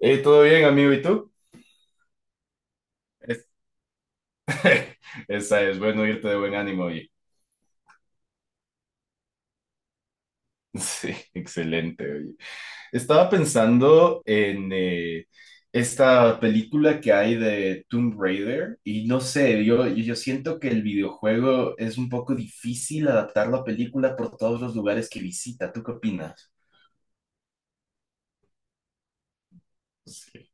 ¿Todo bien, amigo? ¿Y tú? Es- esa es, bueno, irte de buen ánimo, oye. Sí, excelente, oye. Estaba pensando en esta película que hay de Tomb Raider y no sé, yo siento que el videojuego es un poco difícil adaptar la película por todos los lugares que visita. ¿Tú qué opinas? Sí,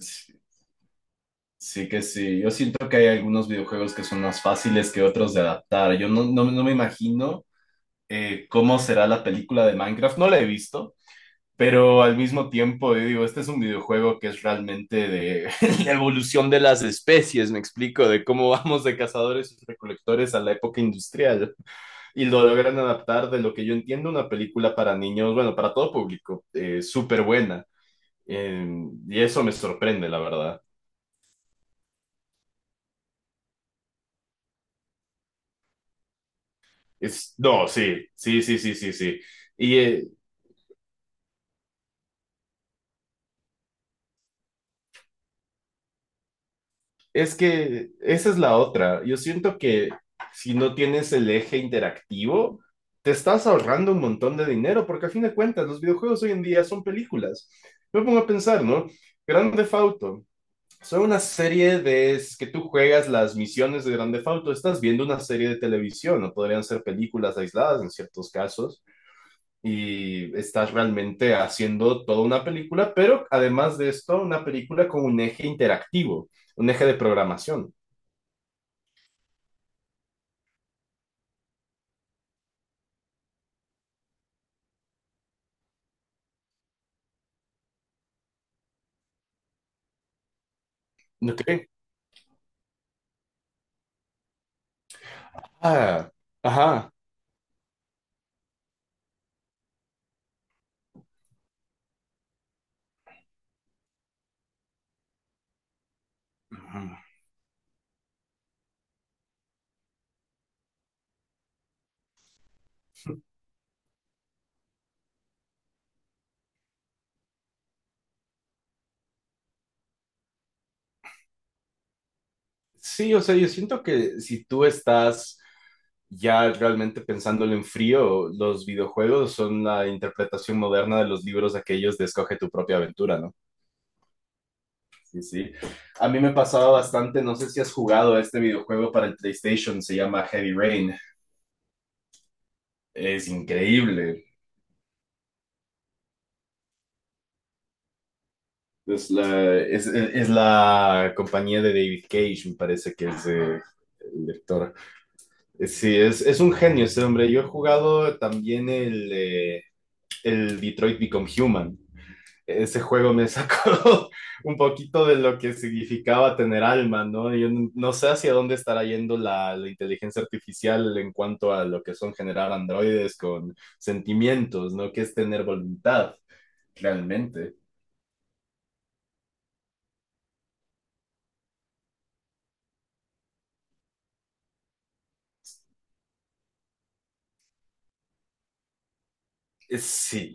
sí, sí que sí. Yo siento que hay algunos videojuegos que son más fáciles que otros de adaptar. Yo no, no, no me imagino. Cómo será la película de Minecraft. No la he visto, pero al mismo tiempo yo digo, este es un videojuego que es realmente de la evolución de las especies, me explico, de cómo vamos de cazadores y recolectores a la época industrial. Y lo logran adaptar de lo que yo entiendo una película para niños, bueno, para todo público, súper buena. Eh, y eso me sorprende, la verdad. Es, no, sí, sí, sí, sí, sí, sí. Y eh, Es que esa es la otra. Yo siento que si no tienes el eje interactivo, te estás ahorrando un montón de dinero, porque a fin de cuentas los videojuegos hoy en día son películas. Me pongo a pensar, ¿no? Grand Theft Auto. Son una serie de es que tú juegas las misiones de Grand Theft Auto, estás viendo una serie de televisión, o podrían ser películas aisladas en ciertos casos, y estás realmente haciendo toda una película, pero además de esto, una película con un eje interactivo, un eje de programación. ¿No qué? Ah, ajá. Ajá. Sí, o sea, yo siento que si tú estás ya realmente pensándolo en frío, los videojuegos son la interpretación moderna de los libros aquellos de Escoge tu propia aventura, ¿no? Sí, sí. A mí me pasaba bastante, no sé si has jugado a este videojuego para el PlayStation, se llama Heavy Rain. Es increíble. Es la compañía de David Cage, me parece que es el director. Sí, es un genio ese hombre. Yo he jugado también el Detroit Become Human. Ese juego me sacó un poquito de lo que significaba tener alma, ¿no? Yo no sé hacia dónde estará yendo la inteligencia artificial en cuanto a lo que son generar androides con sentimientos, ¿no? Que es tener voluntad, realmente. Sí,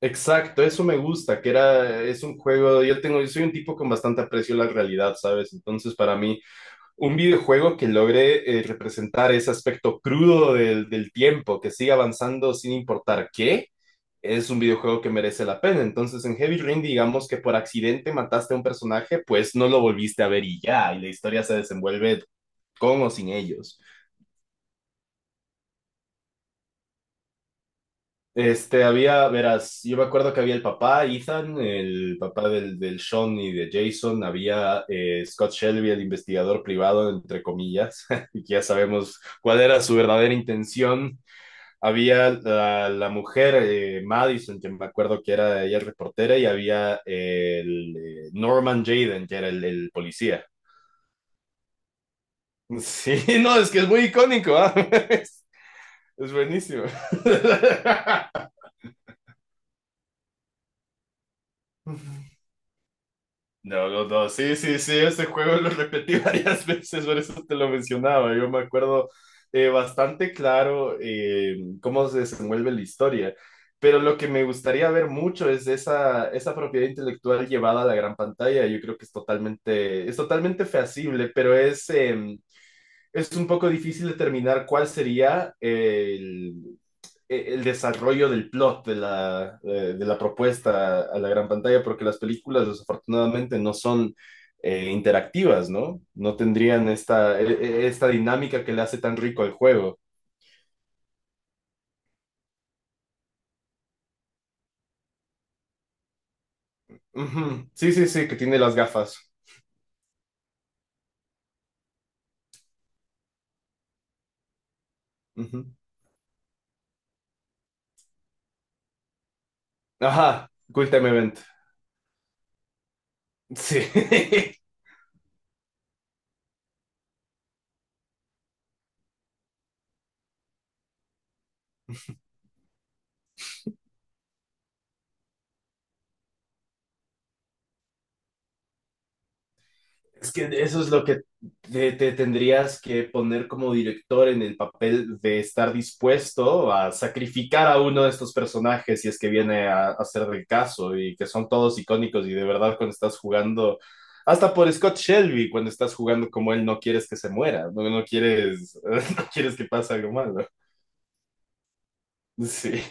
exacto, eso me gusta, que era, es un juego, yo soy un tipo con bastante aprecio a la realidad, ¿sabes? Entonces, para mí... un videojuego que logre representar ese aspecto crudo del tiempo, que siga avanzando sin importar qué, es un videojuego que merece la pena. Entonces, en Heavy Rain, digamos que por accidente mataste a un personaje, pues no lo volviste a ver y ya, y la historia se desenvuelve con o sin ellos. Había, verás, yo me acuerdo que había el papá, Ethan, el papá del Sean y de Jason, había Scott Shelby, el investigador privado, entre comillas, y ya sabemos cuál era su verdadera intención. Había la mujer, Madison, que me acuerdo que era ella reportera, y había el Norman Jaden, que era el policía. Sí, no, es que es muy icónico, ¿ah? Es, es buenísimo. No, los dos. Sí, sí, sí, ese juego lo repetí varias veces, por eso te lo mencionaba. Yo me acuerdo bastante claro cómo se desenvuelve la historia, pero lo que me gustaría ver mucho es esa propiedad intelectual llevada a la gran pantalla. Yo creo que es totalmente feasible, pero es un poco difícil determinar cuál sería el desarrollo del plot de la propuesta a la gran pantalla, porque las películas desafortunadamente no son interactivas, ¿no? No tendrían esta dinámica que le hace tan rico al juego. Ujú. Sí, sí, sí, que tiene las gafas. Ujú. Ajá, Quick Time Event. Sí. Es que eso es lo que te tendrías que poner como director en el papel de estar dispuesto a sacrificar a uno de estos personajes si es que viene a ser del caso y que son todos icónicos y de verdad cuando estás jugando, hasta por Scott Shelby, cuando estás jugando como él no quieres que se muera, no, no quieres, no quieres que pase algo malo. Sí.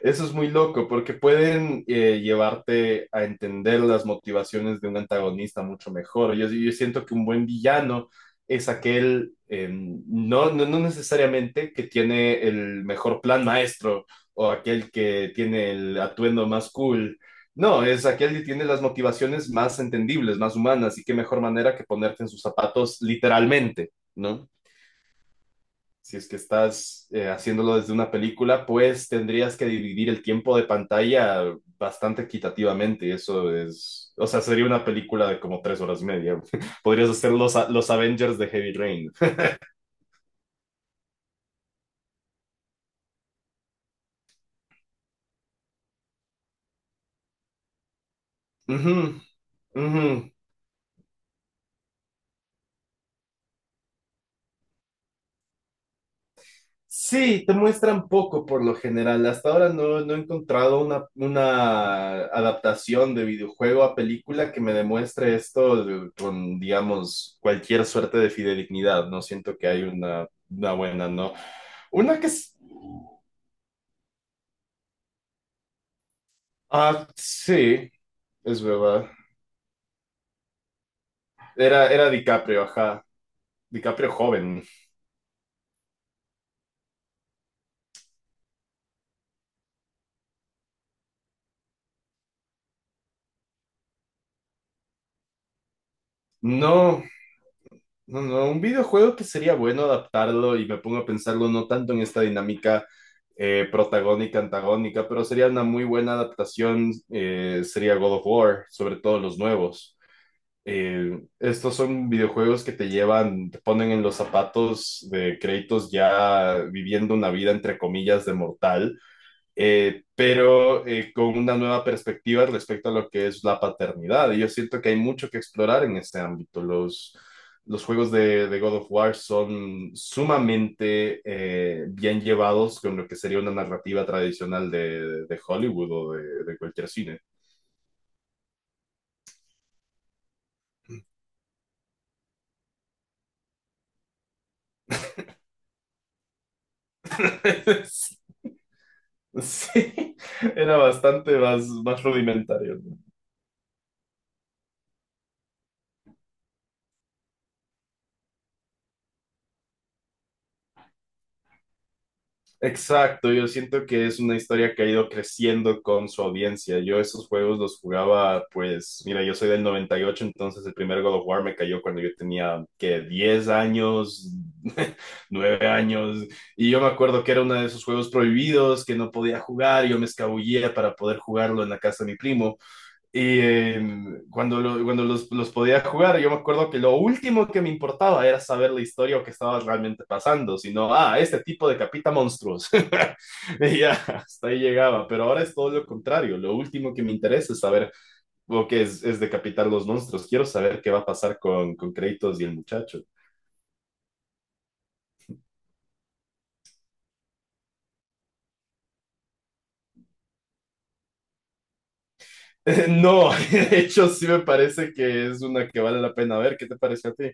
Eso es muy loco porque pueden llevarte a entender las motivaciones de un antagonista mucho mejor. Yo siento que un buen villano es aquel, no, no, no necesariamente que tiene el mejor plan maestro o aquel que tiene el atuendo más cool. No, es aquel que tiene las motivaciones más entendibles, más humanas, y qué mejor manera que ponerte en sus zapatos literalmente, ¿no? Si es que estás haciéndolo desde una película, pues tendrías que dividir el tiempo de pantalla bastante equitativamente. Eso es, o sea, sería una película de como 3 horas y media. Podrías hacer los Avengers de Heavy Rain. Ujú, ujú. Sí, te muestran poco por lo general. Hasta ahora no, no he encontrado una adaptación de videojuego a película que me demuestre esto de- con, digamos, cualquier suerte de fidedignidad. No siento que hay una buena, ¿no? Una que es... Ah, sí, es verdad. Era DiCaprio, ajá. DiCaprio joven. No, no, no, un videojuego que sería bueno adaptarlo y me pongo a pensarlo no tanto en esta dinámica protagónica, antagónica, pero sería una muy buena adaptación, sería God of War, sobre todo los nuevos. Estos son videojuegos que te llevan, te ponen en los zapatos de Kratos ya viviendo una vida entre comillas de mortal pero con una nueva perspectiva respecto a lo que es la paternidad. Y yo siento que hay mucho que explorar en este ámbito. Los juegos de God of War son sumamente bien llevados con lo que sería una narrativa tradicional de Hollywood o de cualquier cine. Sí, era bastante más rudimentario, ¿no? Exacto, yo siento que es una historia que ha ido creciendo con su audiencia. Yo esos juegos los jugaba, pues, mira, yo soy del 98, entonces el primer God of War me cayó cuando yo tenía, que 10 años, 9 años, y yo me acuerdo que era uno de esos juegos prohibidos que no podía jugar, yo me escabullía para poder jugarlo en la casa de mi primo, y cuando los podía jugar, yo me acuerdo que lo último que me importaba era saber la historia o qué estaba realmente pasando, sino, ah, este tipo decapita monstruos. Y ya, hasta ahí llegaba, pero ahora es todo lo contrario. Lo último que me interesa es saber lo que es decapitar los monstruos. Quiero saber qué va a pasar con Kratos y el muchacho. No, de hecho sí me parece que es una que vale la pena ver. ¿Qué te parece a ti?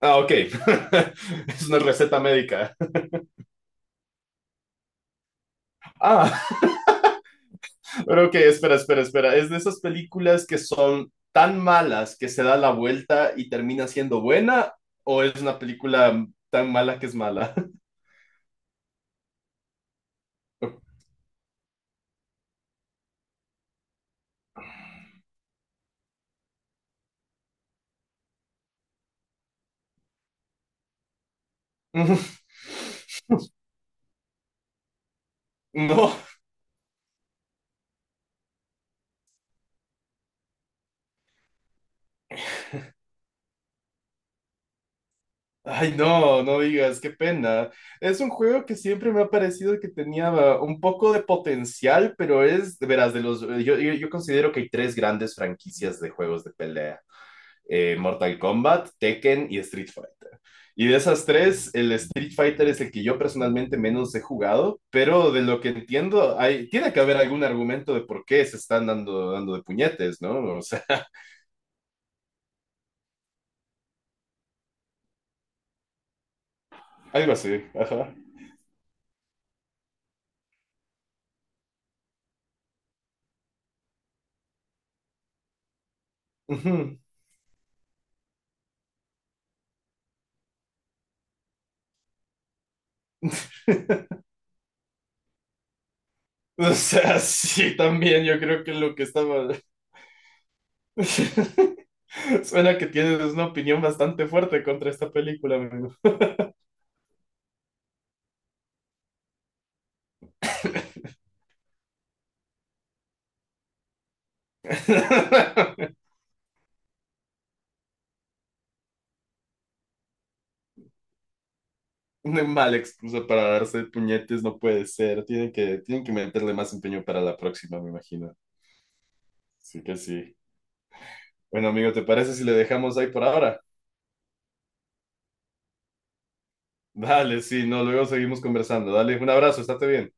Ah, ok. Es una receta médica. Ah, pero ok, espera, espera, espera. ¿Es de esas películas que son tan malas que se da la vuelta y termina siendo buena, o es una película tan mala que es mala? No, ay no, no digas, qué pena. Es un juego que siempre me ha parecido que tenía un poco de potencial, pero es, verás, yo considero que hay tres grandes franquicias de juegos de pelea. Mortal Kombat, Tekken y Street Fighter. Y de esas tres, el Street Fighter es el que yo personalmente menos he jugado, pero de lo que entiendo, tiene que haber algún argumento de por qué se están dando de puñetes, ¿no? O sea, algo así, ajá. Ujú. O sea, sí, también yo creo que lo que estaba... Suena que tienes una opinión bastante fuerte contra esta película, amigo. Una mala excusa para darse puñetes, no puede ser. Tienen que meterle más empeño para la próxima, me imagino. Así que sí. Bueno, amigo, ¿te parece si le dejamos ahí por ahora? Dale, sí, no, luego seguimos conversando. Dale, un abrazo, estate bien.